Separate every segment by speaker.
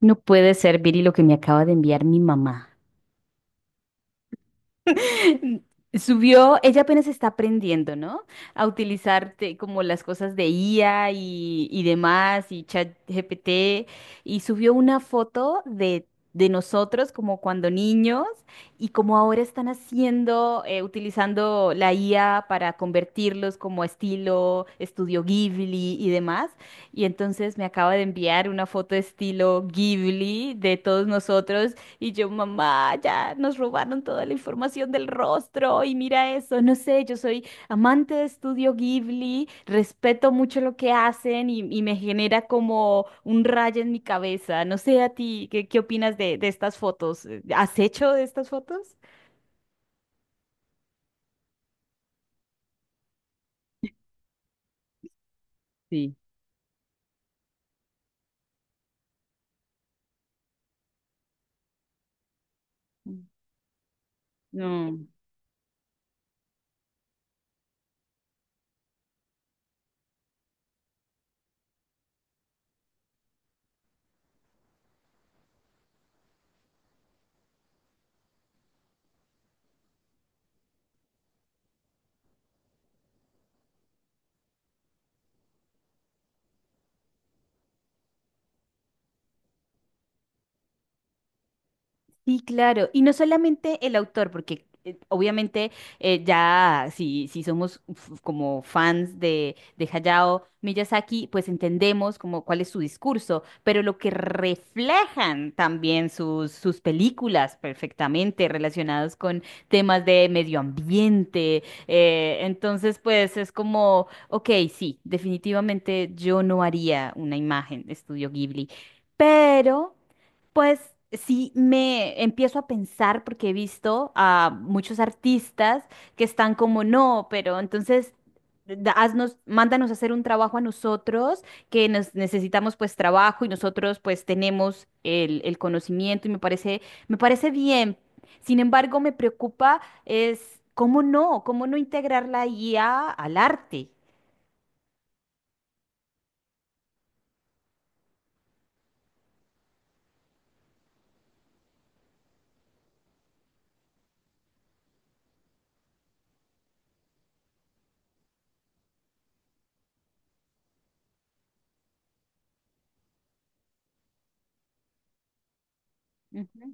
Speaker 1: No puede ser, Viri, lo que me acaba de enviar mi mamá. Subió, ella apenas está aprendiendo, ¿no? A utilizar como las cosas de IA y demás, y ChatGPT, y subió una foto de nosotros como cuando niños, y como ahora están haciendo, utilizando la IA para convertirlos como a estilo estudio Ghibli y demás. Y entonces me acaba de enviar una foto estilo Ghibli de todos nosotros y yo, mamá, ya nos robaron toda la información del rostro y mira eso, no sé, yo soy amante de Estudio Ghibli, respeto mucho lo que hacen y me genera como un rayo en mi cabeza. No sé a ti, ¿qué opinas de estas fotos? ¿Has hecho de estas fotos? Sí. No. Sí, claro. Y no solamente el autor, porque obviamente ya si somos como fans de Hayao Miyazaki, pues entendemos como cuál es su discurso, pero lo que reflejan también sus películas perfectamente relacionados con temas de medio ambiente. Entonces, pues es como, ok, sí, definitivamente yo no haría una imagen de Estudio Ghibli, pero... Pues sí, me empiezo a pensar porque he visto a muchos artistas que están como, no, pero entonces haznos, mándanos a hacer un trabajo a nosotros, que nos necesitamos pues trabajo y nosotros pues tenemos el conocimiento y me parece bien. Sin embargo, me preocupa es cómo no integrar la IA al arte. Ujú,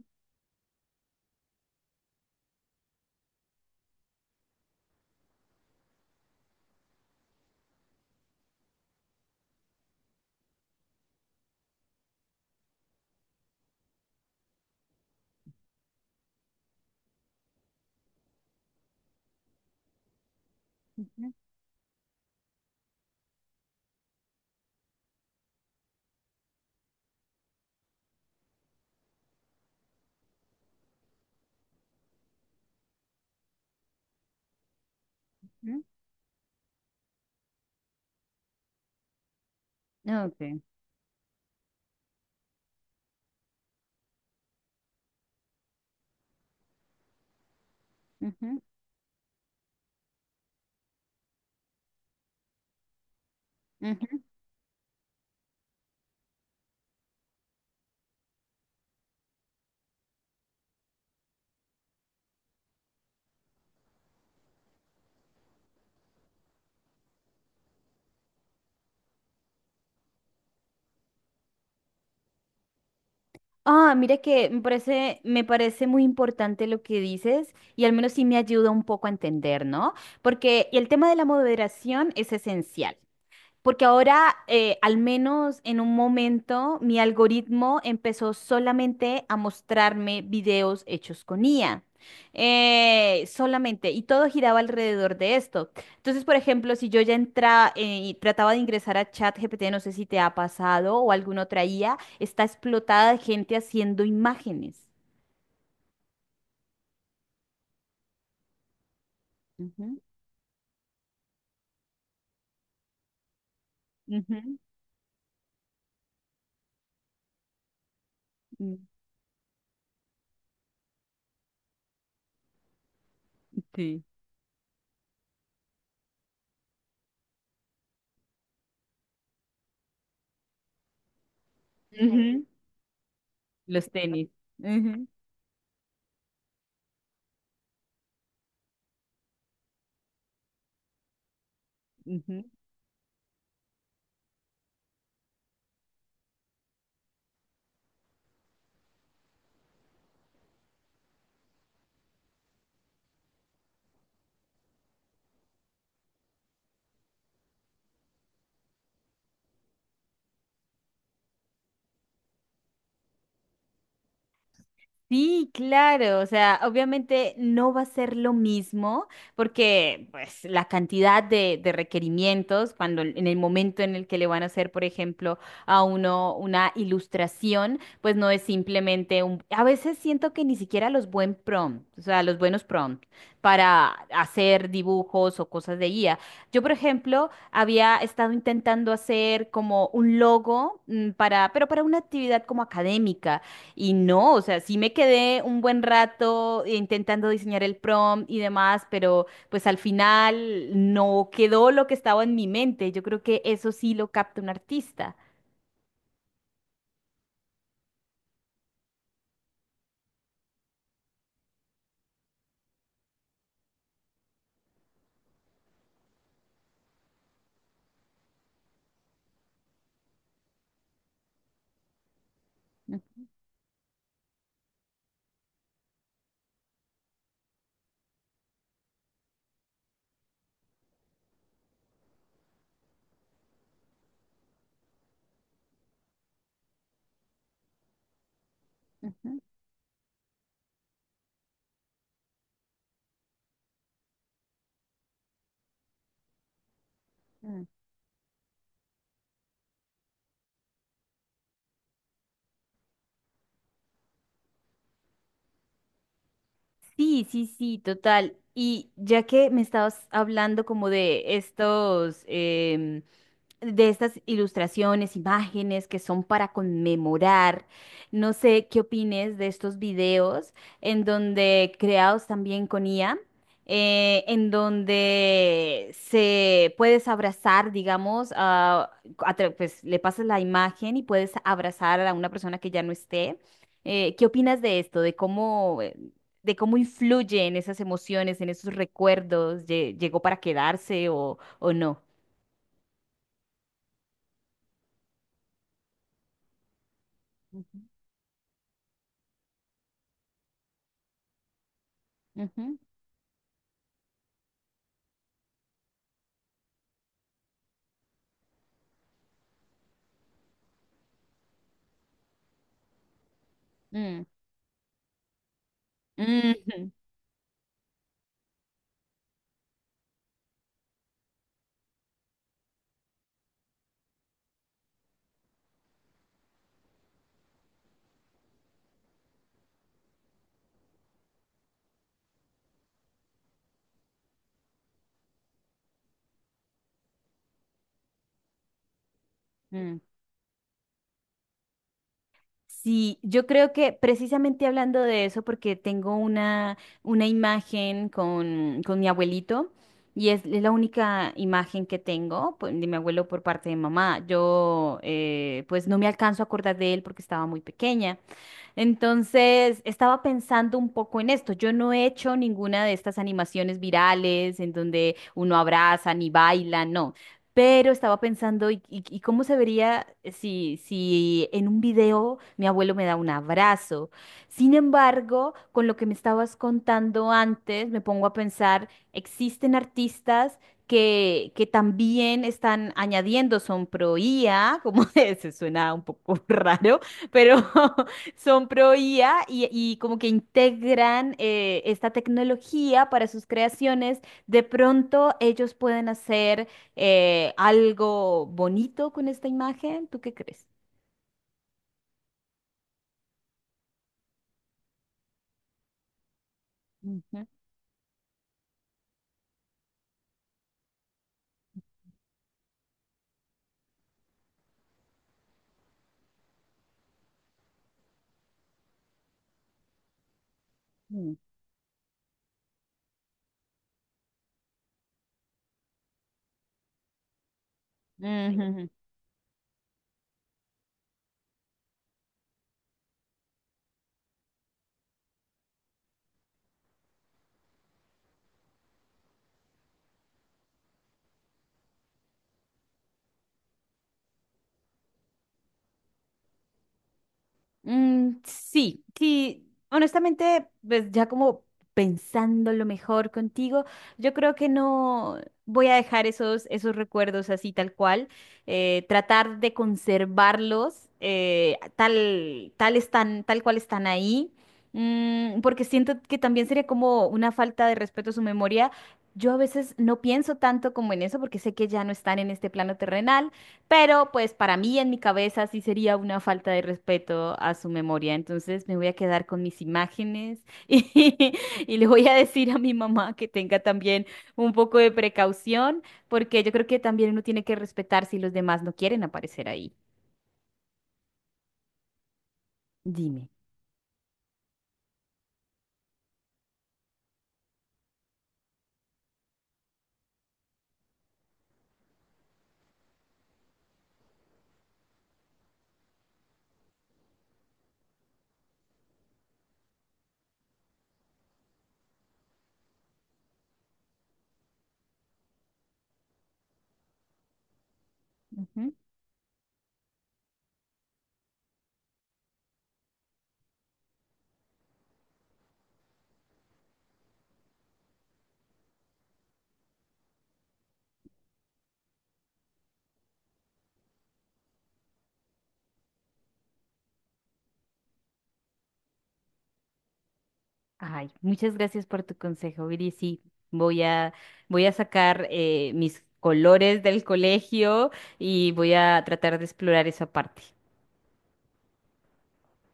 Speaker 1: ujú, ujú. Ok. Ujú, ujú. Ah, mira que me parece muy importante lo que dices y al menos sí me ayuda un poco a entender, ¿no? Porque el tema de la moderación es esencial. Porque ahora, al menos en un momento, mi algoritmo empezó solamente a mostrarme videos hechos con IA. Solamente, y todo giraba alrededor de esto. Entonces, por ejemplo, si yo ya entraba y trataba de ingresar a ChatGPT, no sé si te ha pasado o alguna otra IA, está explotada de gente haciendo imágenes. Ujú, ujú, mm, sí. Ujú, los tenis. Ujú, ujú. Sí, claro, o sea, obviamente no va a ser lo mismo porque pues la cantidad de requerimientos cuando en el momento en el que le van a hacer, por ejemplo, a uno una ilustración, pues no es simplemente un... A veces siento que ni siquiera los buen prompt, o sea, los buenos prompts para hacer dibujos o cosas de guía. Yo, por ejemplo, había estado intentando hacer como un logo para, pero para una actividad como académica y no, o sea, sí me quedé un buen rato intentando diseñar el prompt y demás, pero pues al final no quedó lo que estaba en mi mente. Yo creo que eso sí lo capta un artista. Ujú, ujú, mm. Sí, sí, sí, total. Y ya que me estabas hablando como de estos, de estas ilustraciones, imágenes que son para conmemorar. No sé qué opines de estos videos en donde creados también con IA, en donde se puedes abrazar, digamos, a, pues le pasas la imagen y puedes abrazar a una persona que ya no esté. ¿Qué opinas de esto? De cómo influye en esas emociones, en esos recuerdos. Llegó para quedarse o no. Ujú. Mm, mm, mm. Sí, yo creo que precisamente hablando de eso, porque tengo una imagen con mi abuelito y es la única imagen que tengo pues, de mi abuelo por parte de mamá. Yo pues no me alcanzo a acordar de él porque estaba muy pequeña. Entonces, estaba pensando un poco en esto. Yo no he hecho ninguna de estas animaciones virales en donde uno abraza ni baila, no. Pero estaba pensando, ¿y, y cómo se vería si en un video mi abuelo me da un abrazo? Sin embargo, con lo que me estabas contando antes, me pongo a pensar, existen artistas que también están añadiendo son pro IA, como se suena un poco raro, pero son pro IA y como que integran esta tecnología para sus creaciones. De pronto ellos pueden hacer algo bonito con esta imagen. ¿Tú qué crees? Ujú. Ujú. Mm, sí, sí, honestamente, pues ya como pensando lo mejor contigo, yo creo que no voy a dejar esos, esos recuerdos así tal cual, tratar de conservarlos tal, tal están, tal cual están ahí, mm, porque siento que también sería como una falta de respeto a su memoria. Yo a veces no pienso tanto como en eso porque sé que ya no están en este plano terrenal. Pero pues para mí en mi cabeza sí sería una falta de respeto a su memoria. Entonces me voy a quedar con mis imágenes y le voy a decir a mi mamá que tenga también un poco de precaución, porque yo creo que también uno tiene que respetar si los demás no quieren aparecer ahí. Dime. Ujú. Ay, muchas gracias por tu consejo, Viri. Sí, voy a, voy a sacar mis colores del colegio y voy a tratar de explorar esa parte.